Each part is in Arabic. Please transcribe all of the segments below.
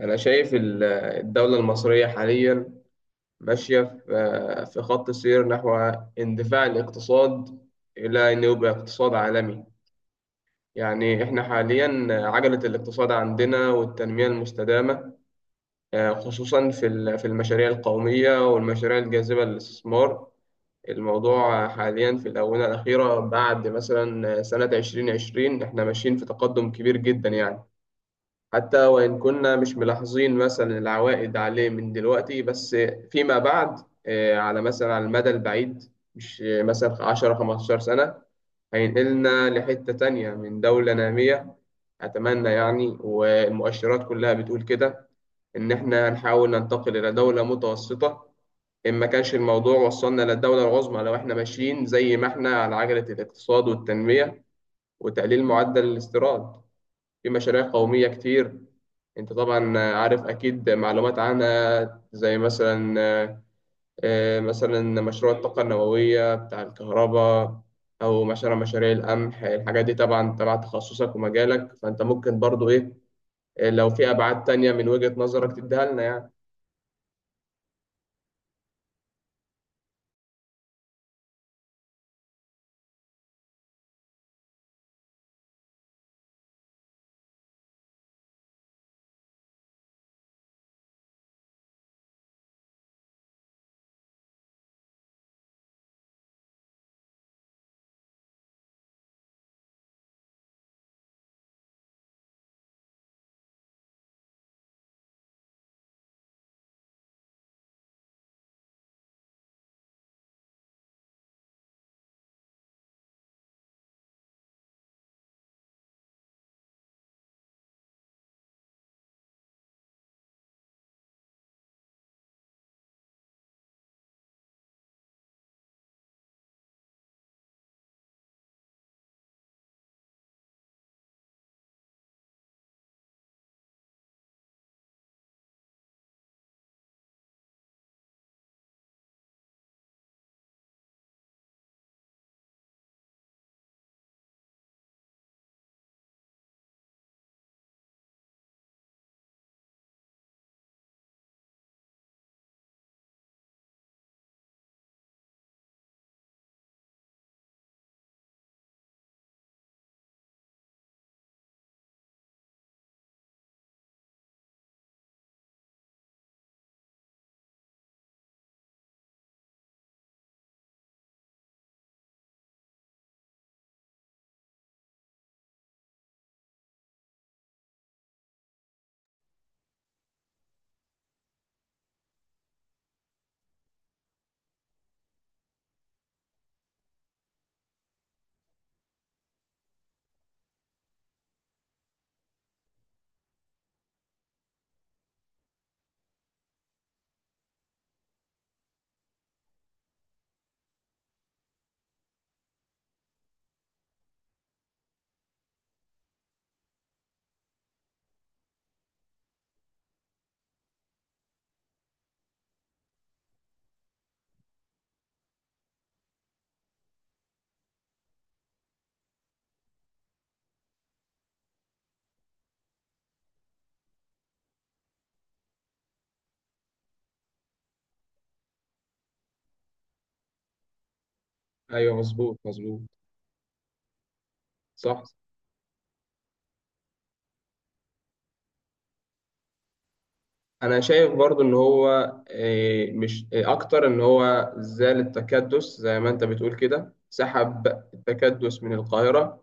أنا شايف الدولة المصرية حاليا ماشية في خط سير نحو اندفاع الاقتصاد إلى أن يبقى اقتصاد عالمي. يعني إحنا حاليا عجلة الاقتصاد عندنا والتنمية المستدامة، خصوصا في المشاريع القومية والمشاريع الجاذبة للاستثمار. الموضوع حاليا في الآونة الأخيرة بعد مثلا سنة 2020 إحنا ماشيين في تقدم كبير جدا يعني، حتى وإن كنا مش ملاحظين مثلا العوائد عليه من دلوقتي، بس فيما بعد، على مثلا على المدى البعيد، مش مثلا 10 15 سنة، هينقلنا لحتة تانية من دولة نامية. أتمنى يعني، والمؤشرات كلها بتقول كده، إن إحنا هنحاول ننتقل إلى دولة متوسطة، إن ما كانش الموضوع وصلنا للدولة العظمى، لو إحنا ماشيين زي ما إحنا على عجلة الاقتصاد والتنمية وتقليل معدل الاستيراد. في مشاريع قومية كتير، انت طبعا عارف اكيد معلومات عنها، زي مثلا مثلا مشروع الطاقة النووية بتاع الكهرباء، او مثلا مشاريع القمح. الحاجات دي طبعا تبع تخصصك ومجالك، فانت ممكن برضو ايه، لو في ابعاد تانية من وجهة نظرك تديها لنا يعني. ايوه، مظبوط مظبوط. صح. انا شايف برضو ان هو مش اكتر ان هو زال التكدس، زي ما انت بتقول كده، سحب التكدس من القاهرة.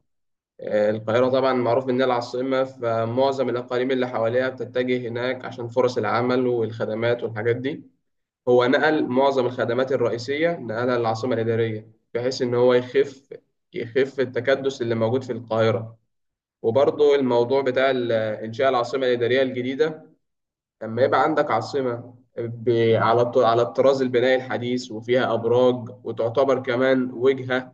القاهرة طبعا معروف إنها العاصمة، فمعظم الأقاليم اللي حواليها بتتجه هناك عشان فرص العمل والخدمات والحاجات دي. هو نقل معظم الخدمات الرئيسية، نقلها للعاصمة الإدارية، بحيث إن هو يخف التكدس اللي موجود في القاهرة. وبرضه الموضوع بتاع إنشاء العاصمة الإدارية الجديدة، لما يبقى عندك عاصمة على الطراز البنائي الحديث وفيها أبراج، وتعتبر كمان وجهة،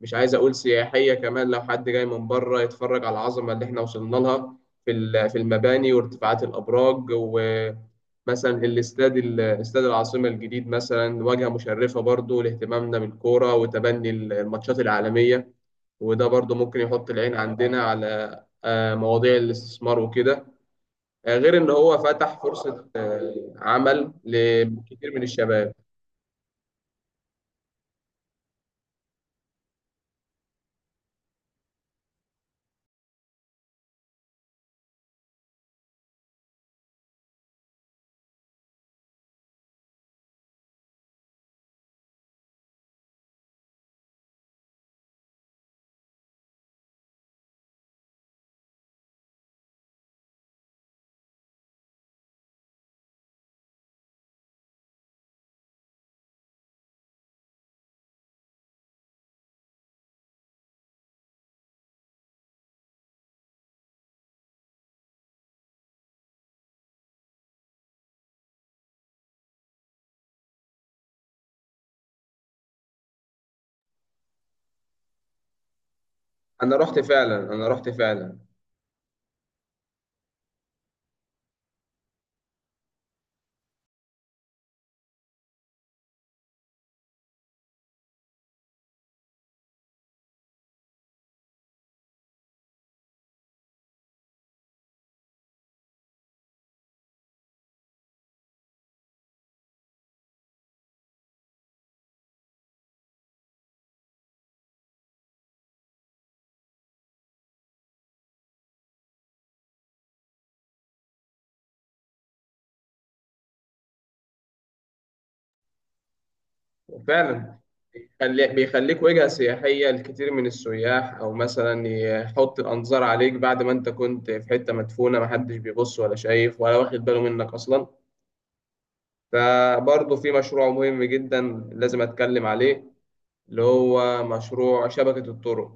مش عايز أقول سياحية، كمان لو حد جاي من بره يتفرج على العظمة اللي إحنا وصلنا لها في المباني وارتفاعات الأبراج، ومثلا استاد العاصمة الجديد مثلا واجهة مشرفة برضو لاهتمامنا بالكورة وتبني الماتشات العالمية. وده برضو ممكن يحط العين عندنا على مواضيع الاستثمار وكده. غير ان هو فتح فرصة عمل لكثير من الشباب. انا رحت فعلا. فعلا بيخليك وجهة سياحية لكثير من السياح، او مثلا يحط الانظار عليك بعد ما انت كنت في حتة مدفونة، محدش بيبص ولا شايف ولا واخد باله منك اصلا. فبرضه في مشروع مهم جدا لازم اتكلم عليه، اللي هو مشروع شبكة الطرق.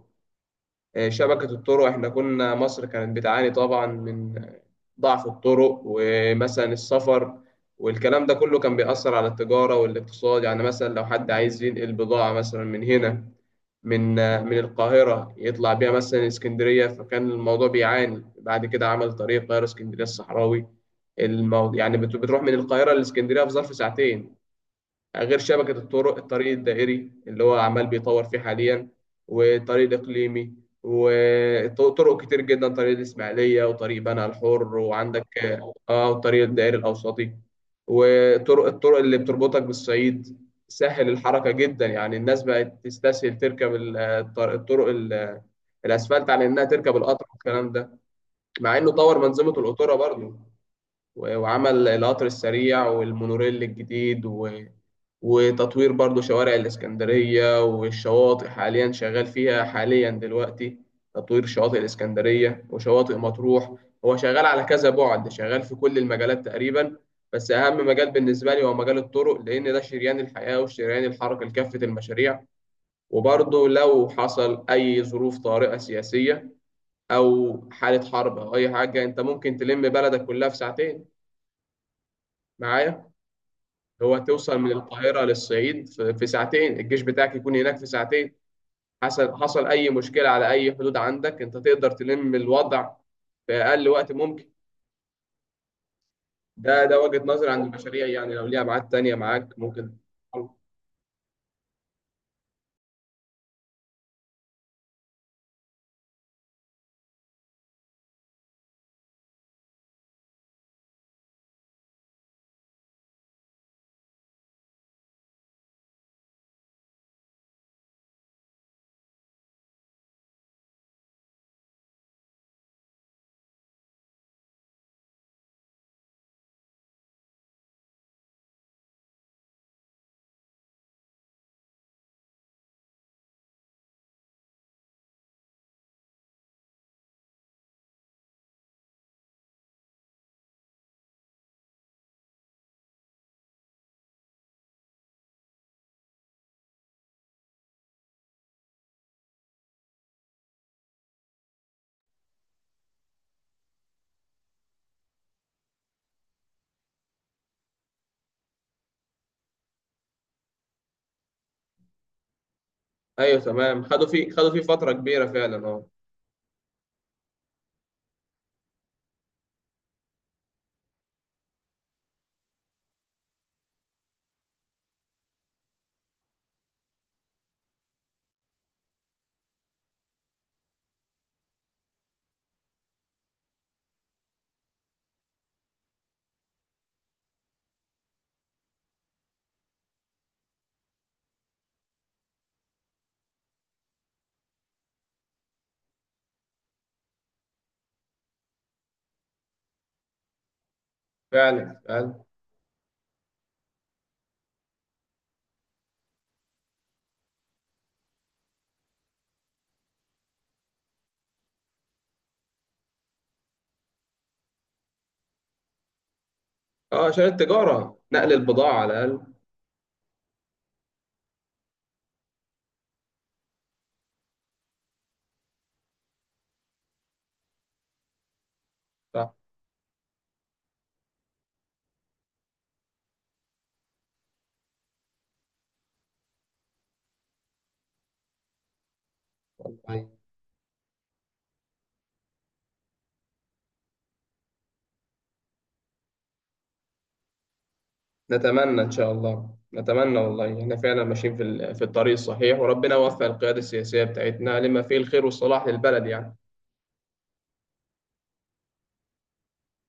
شبكة الطرق. احنا كنا مصر كانت بتعاني طبعا من ضعف الطرق ومثلا السفر، والكلام ده كله كان بيأثر على التجارة والاقتصاد. يعني مثلا لو حد عايز ينقل بضاعة مثلا من هنا، من من القاهرة يطلع بيها مثلا اسكندرية، فكان الموضوع بيعاني. بعد كده عمل طريق القاهرة اسكندرية الصحراوي. يعني بتروح من القاهرة لاسكندرية في ظرف ساعتين. غير شبكة الطرق، الطريق الدائري اللي هو عمال بيطور فيه حاليا، وطريق إقليمي، وطرق كتير جدا، طريق الإسماعيلية وطريق بنها الحر، وعندك، اه، وطريق الدائري الأوسطي، الطرق اللي بتربطك بالصعيد. سهل الحركة جدا، يعني الناس بقت تستسهل تركب الطرق الأسفلت عن إنها تركب القطر والكلام ده، مع إنه طور منظومة القطورة برضه، و- وعمل القطر السريع والمونوريل الجديد وتطوير برضو شوارع الإسكندرية والشواطئ، حاليا شغال فيها حاليا دلوقتي، تطوير شواطئ الإسكندرية وشواطئ مطروح. هو شغال على كذا بعد، شغال في كل المجالات تقريبا. بس أهم مجال بالنسبة لي هو مجال الطرق، لأن ده شريان الحياة وشريان الحركة لكافة المشاريع. وبرضه لو حصل أي ظروف طارئة سياسية أو حالة حرب أو أي حاجة، أنت ممكن تلم بلدك كلها في ساعتين، معايا؟ هو توصل من القاهرة للصعيد في ساعتين، الجيش بتاعك يكون هناك في ساعتين. حصل أي مشكلة على أي حدود عندك، أنت تقدر تلم الوضع في أقل وقت ممكن. ده وجهة نظري عن المشاريع، يعني لو ليها ميعاد تانية معاك ممكن. أيوه تمام، خدوا فيه فترة كبيرة فعلا، أه. فعلا فعلا. أه، عشان التجارة، نقل البضاعة على الأقل. صح. نتمنى إن شاء الله. نتمنى والله، إحنا فعلا ماشيين في الطريق الصحيح، وربنا يوفق القيادة السياسية بتاعتنا لما فيه الخير والصلاح للبلد يعني.